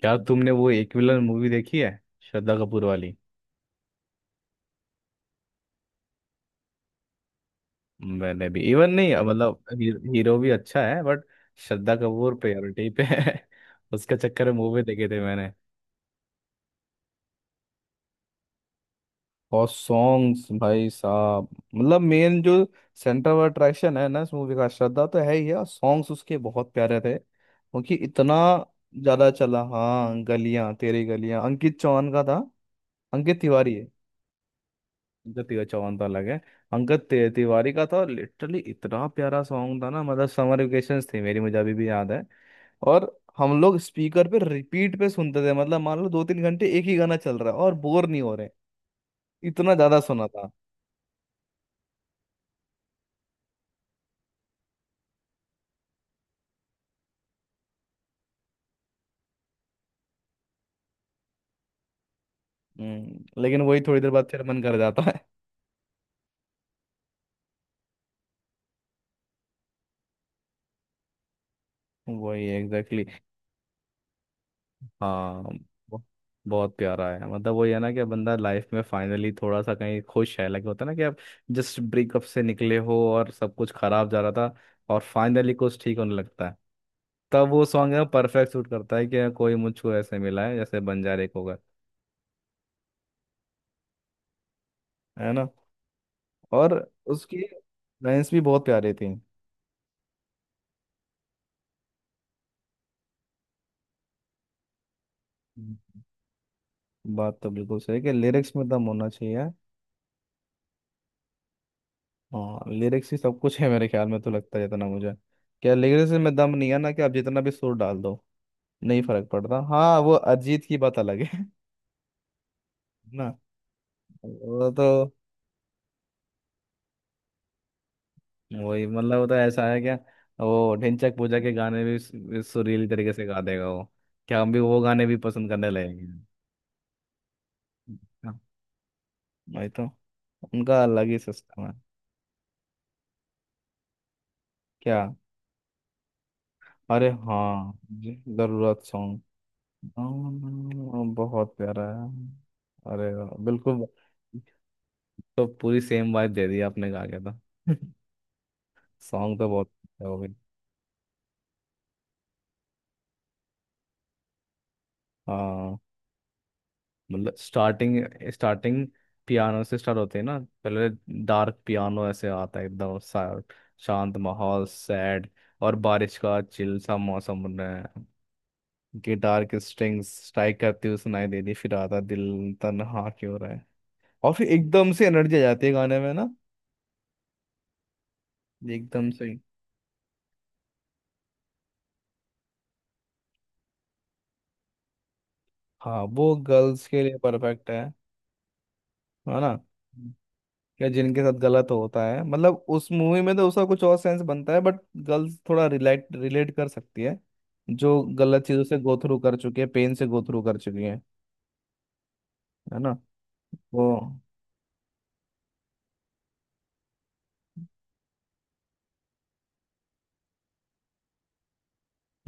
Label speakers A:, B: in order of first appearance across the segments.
A: क्या तुमने वो एक विलन मूवी देखी है, श्रद्धा कपूर वाली? मैंने भी इवन नहीं, मतलब ही, हीरो भी अच्छा है बट श्रद्धा कपूर प्रायोरिटी पे है। उसके चक्कर में मूवी देखे थे मैंने। और सॉन्ग्स भाई साहब, मतलब मेन जो सेंटर ऑफ अट्रैक्शन है ना इस मूवी का, श्रद्धा तो है ही है, और सॉन्ग्स उसके बहुत प्यारे थे क्योंकि इतना ज्यादा चला। हाँ, गलियां, तेरी गलियां अंकित चौहान का था। अंकित तिवारी है। अंगद चौहान तो अलग है। अंगद तिवारी का था। लिटरली इतना प्यारा सॉन्ग था ना। मतलब समर वेकेशंस थी मेरी, मुझे अभी भी याद है। और हम लोग स्पीकर पे रिपीट पे सुनते थे, मतलब मान लो दो तीन घंटे एक ही गाना चल रहा है और बोर नहीं हो रहे। इतना ज्यादा सुना था। हम्म। लेकिन वही, थोड़ी देर बाद फिर मन कर जाता है। वही एग्जैक्टली। हाँ। ब- बहुत प्यारा है। मतलब वही है ना कि बंदा लाइफ में फाइनली थोड़ा सा कहीं खुश है, लगे होता है ना कि आप जस्ट ब्रेकअप से निकले हो और सब कुछ खराब जा रहा था, और फाइनली कुछ ठीक होने लगता है। तब वो सॉन्ग है, परफेक्ट सूट करता है कि कोई मुझको ऐसे मिला है जैसे बंजारे को होगा। है ना। और उसकी लाइंस भी बहुत प्यारी थी। हम्म। बात तो बिल्कुल सही है कि लिरिक्स में दम होना चाहिए। हाँ, लिरिक्स ही सब कुछ है मेरे ख्याल में तो, लगता है जितना मुझे, क्या लिरिक्स में दम नहीं है ना, कि आप जितना भी सुर डाल दो नहीं फर्क पड़ता। हाँ, वो अरिजीत की बात अलग है ना। वो तो, वही मतलब वो तो ऐसा है क्या, वो ढिंचैक पूजा के गाने भी सुरीली तरीके से गा देगा वो। क्या हम भी वो गाने भी पसंद करने लगेंगे। हाँ, वही तो, उनका अलग ही सिस्टम है। क्या? अरे हाँ जी, जरूरत सॉन्ग। हाँ, बहुत प्यारा है। अरे वाह, बिल्कुल। तो पूरी सेम वाइब दे दी आपने गा के तो। सॉन्ग तो बहुत अच्छा हो गई। हाँ, मतलब स्टार्टिंग स्टार्टिंग पियानो से स्टार्ट होते हैं ना पहले। डार्क पियानो ऐसे आता है एकदम शांत माहौल, सैड। और बारिश का चिल सा मौसम बन रहा है। गिटार की स्ट्रिंग्स स्ट्राइक करती हुई सुनाई देती, फिर आता दिल तन्हा क्यों रहा है। और फिर एकदम से एनर्जी आ जाती है गाने में ना, एकदम से। हाँ, वो गर्ल्स के लिए परफेक्ट है ना। या जिनके साथ गलत होता है, मतलब उस मूवी में तो उसका कुछ और सेंस बनता है बट गर्ल्स थोड़ा रिलेट रिलेट कर सकती है, जो गलत चीजों से गो थ्रू कर चुकी है, पेन से गो थ्रू कर चुकी है। है ना। वो।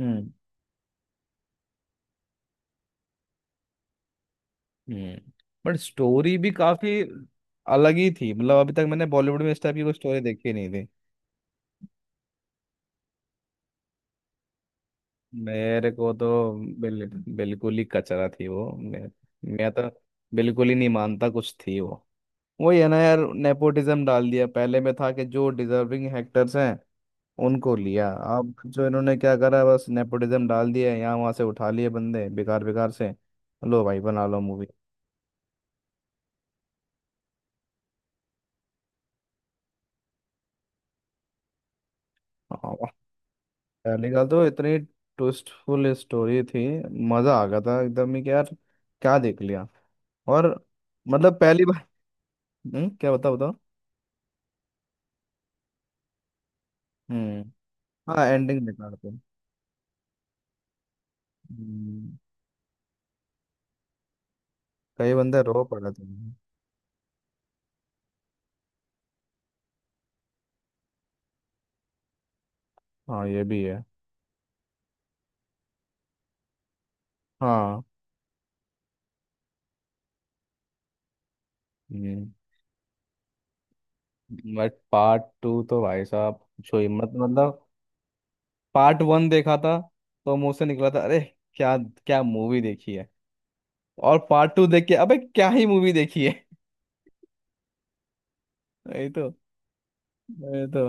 A: हम्म। हम्म। बट स्टोरी भी काफी अलग ही थी। मतलब अभी तक मैंने बॉलीवुड में इस टाइप की कोई स्टोरी देखी नहीं थी। मेरे को तो बिल, बिल्कुल ही कचरा थी वो। मैं तो बिल्कुल ही नहीं मानता कुछ थी वो। वही है ना यार, नेपोटिज्म डाल दिया। पहले में था कि जो डिजर्विंग एक्टर्स हैं उनको लिया। अब जो इन्होंने क्या करा, बस नेपोटिज्म डाल दिया, यहाँ वहां से उठा लिए बंदे बेकार बेकार से। लो भाई, बना लो मूवी। हाँ, पहले का तो इतनी ट्विस्टफुल स्टोरी थी, मजा आ गया था एकदम ही कि यार क्या देख लिया। और मतलब पहली बार। क्या बताओ बताओ। हम्म। हाँ, एंडिंग बेकार थी। हम्म, कई बंदे रो पड़े थे। हाँ, ये भी है। हाँ। हम्म। बट पार्ट टू तो भाई साहब पूछो ही मत। मतलब पार्ट वन देखा था तो मुंह से निकला था, अरे क्या क्या मूवी देखी है। और पार्ट टू देख के, अबे क्या ही मूवी देखी है। वही तो वही तो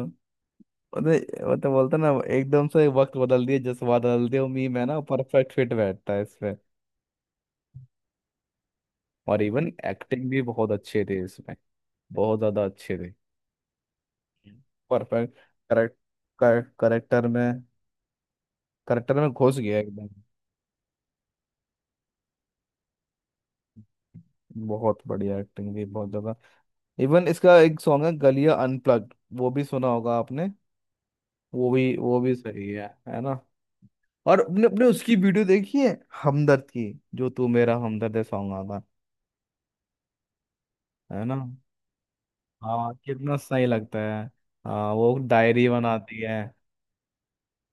A: वो तो बोलते ना, एकदम से वक्त बदल दिए, जज्बा बदल दिए, उम्मीद है ना, परफेक्ट फिट बैठता है इसमें। और इवन एक्टिंग भी बहुत अच्छे थे इसमें, बहुत ज्यादा अच्छे थे। परफेक्ट, करेक्ट, करेक्टर में, करेक्टर में घुस गया एकदम। बहुत बढ़िया, एक्टिंग भी बहुत ज्यादा। इवन इसका एक सॉन्ग है गलिया अनप्लग्ड, वो भी सुना होगा आपने। वो भी सही है ना। और अपने अपने उसकी वीडियो देखी है हमदर्द की, जो तू मेरा हमदर्द है सॉन्ग आता है ना। हाँ कितना सही लगता है। हाँ वो डायरी बनाती है।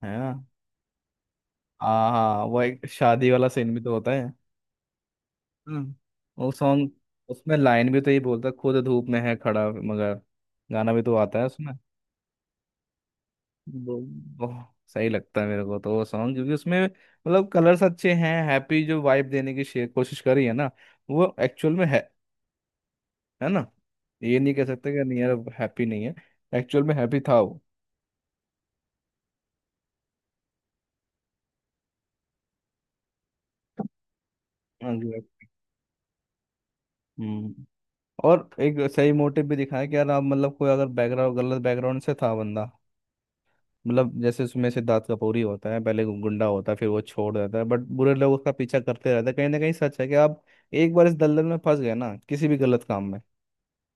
A: है ना। हाँ हाँ, वो एक शादी वाला सीन भी तो होता है। हम्म। वो सॉन्ग, उसमें लाइन भी तो यही बोलता है, खुद धूप में है खड़ा मगर, गाना भी तो आता है उसमें। वो- बहुत सही लगता है मेरे को तो वो सॉन्ग क्योंकि उसमें, मतलब कलर्स अच्छे हैं, हैप्पी जो वाइब देने की कोशिश कर रही है ना, वो एक्चुअल में है। है ना। ये नहीं कह सकते कि नहीं यार हैप्पी नहीं है, एक्चुअल में हैप्पी था वो। Exactly. हम्म। और एक सही मोटिव भी दिखाया कि यार आप मतलब कोई अगर बैकग्राउंड, गलत बैकग्राउंड से था बंदा, मतलब जैसे उसमें सिद्धार्थ कपूर ही होता है, पहले वो गुंडा होता है फिर वो छोड़ देता है बट बुरे लोग उसका पीछा करते रहते हैं। कहीं ना कहीं सच है कि आप एक बार इस दलदल में फंस गए ना किसी भी गलत काम में,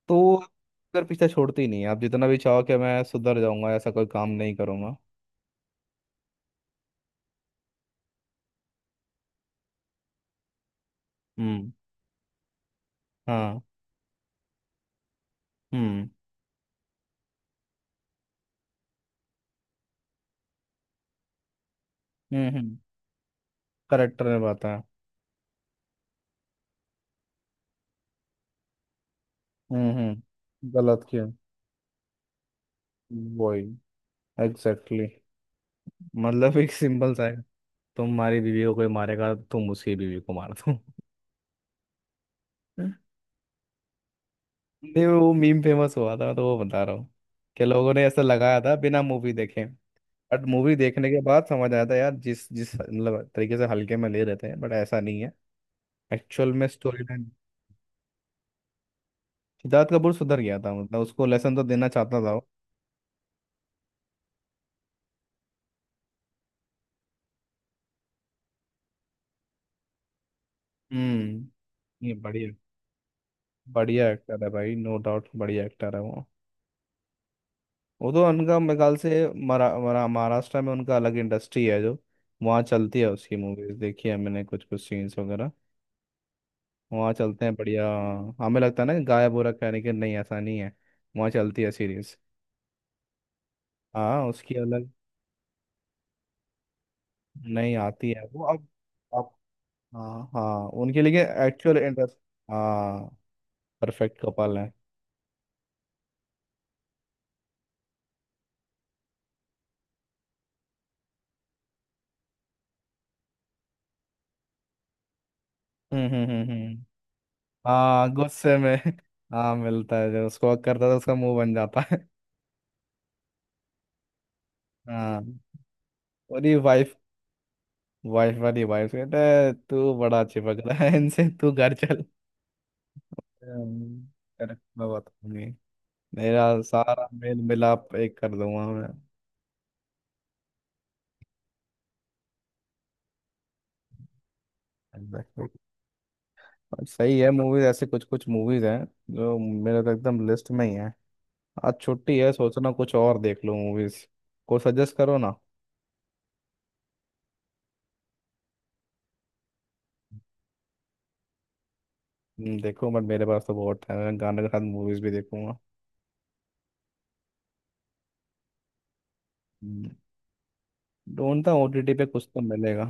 A: तो आप अगर पीछा छोड़ते ही नहीं है, आप जितना भी चाहो कि मैं सुधर जाऊंगा ऐसा कोई काम नहीं करूंगा। हम्म। हाँ। हम्म हम्म। करेक्टर ने बाता है। हम्म। गलत किया, वही एग्जैक्टली exactly. मतलब एक सिंपल सा है, तुम हमारी बीवी को कोई मारेगा तुम उसकी बीवी को मार दो। नहीं, वो मीम फेमस हुआ था तो वो बता रहा हूँ कि लोगों ने ऐसा लगाया था बिना मूवी देखे। बट मूवी देखने के बाद समझ आया था यार, जिस जिस मतलब तरीके से हल्के में ले रहते हैं बट ऐसा नहीं है। एक्चुअल में स्टोरी लाइन, सिद्धार्थ कपूर सुधर गया था, मतलब उसको लेसन तो देना चाहता था वो। हम्म। ये बढ़िया, बढ़िया एक्टर है भाई, नो डाउट, बढ़िया एक्टर है वो। वो तो उनका मेरे ख्याल से मरा, मरा, महाराष्ट्र में उनका अलग इंडस्ट्री है जो वहाँ चलती है, उसकी मूवीज देखी है मैंने कुछ कुछ सीन्स वगैरह, वहाँ चलते हैं बढ़िया। हाँ, हमें लगता है ना कि गायब हो रखा है लेकिन नहीं ऐसा नहीं है, वहाँ चलती है सीरीज। हाँ उसकी अलग, नहीं आती है वो अब। अब, हाँ हाँ, उनके लिए एक्चुअल इंटरेस्ट। हाँ, परफेक्ट कपल है। Hmm hmm hmm hmm. हाँ गुस्से में। हाँ मिलता है जब उसको हक करता है तो उसका मुंह बन जाता है। हाँ, और ये वाइफ, वाइफ वाली, वाइफ कहता है तू बड़ा चिपक रहा है इनसे, तू घर चल। हम्म, अरे मैं बताऊंगी, मेरा सारा मेल मिलाप एक कर दूंगा मैं। Exactly. और सही है मूवीज, ऐसे कुछ कुछ मूवीज हैं जो मेरे तो एकदम लिस्ट में ही है। आज छुट्टी है, सोचना कुछ और, देख लो मूवीज को सजेस्ट करो ना। देखो बट मेरे पास तो बहुत टाइम है, मैं गाने के साथ मूवीज भी देखूंगा। हम्म, ढूंढता हूँ ओटीटी पे कुछ तो मिलेगा।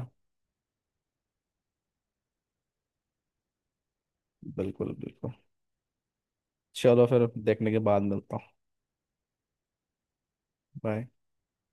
A: बिल्कुल बिल्कुल। चलो फिर देखने के बाद मिलता हूँ। बाय।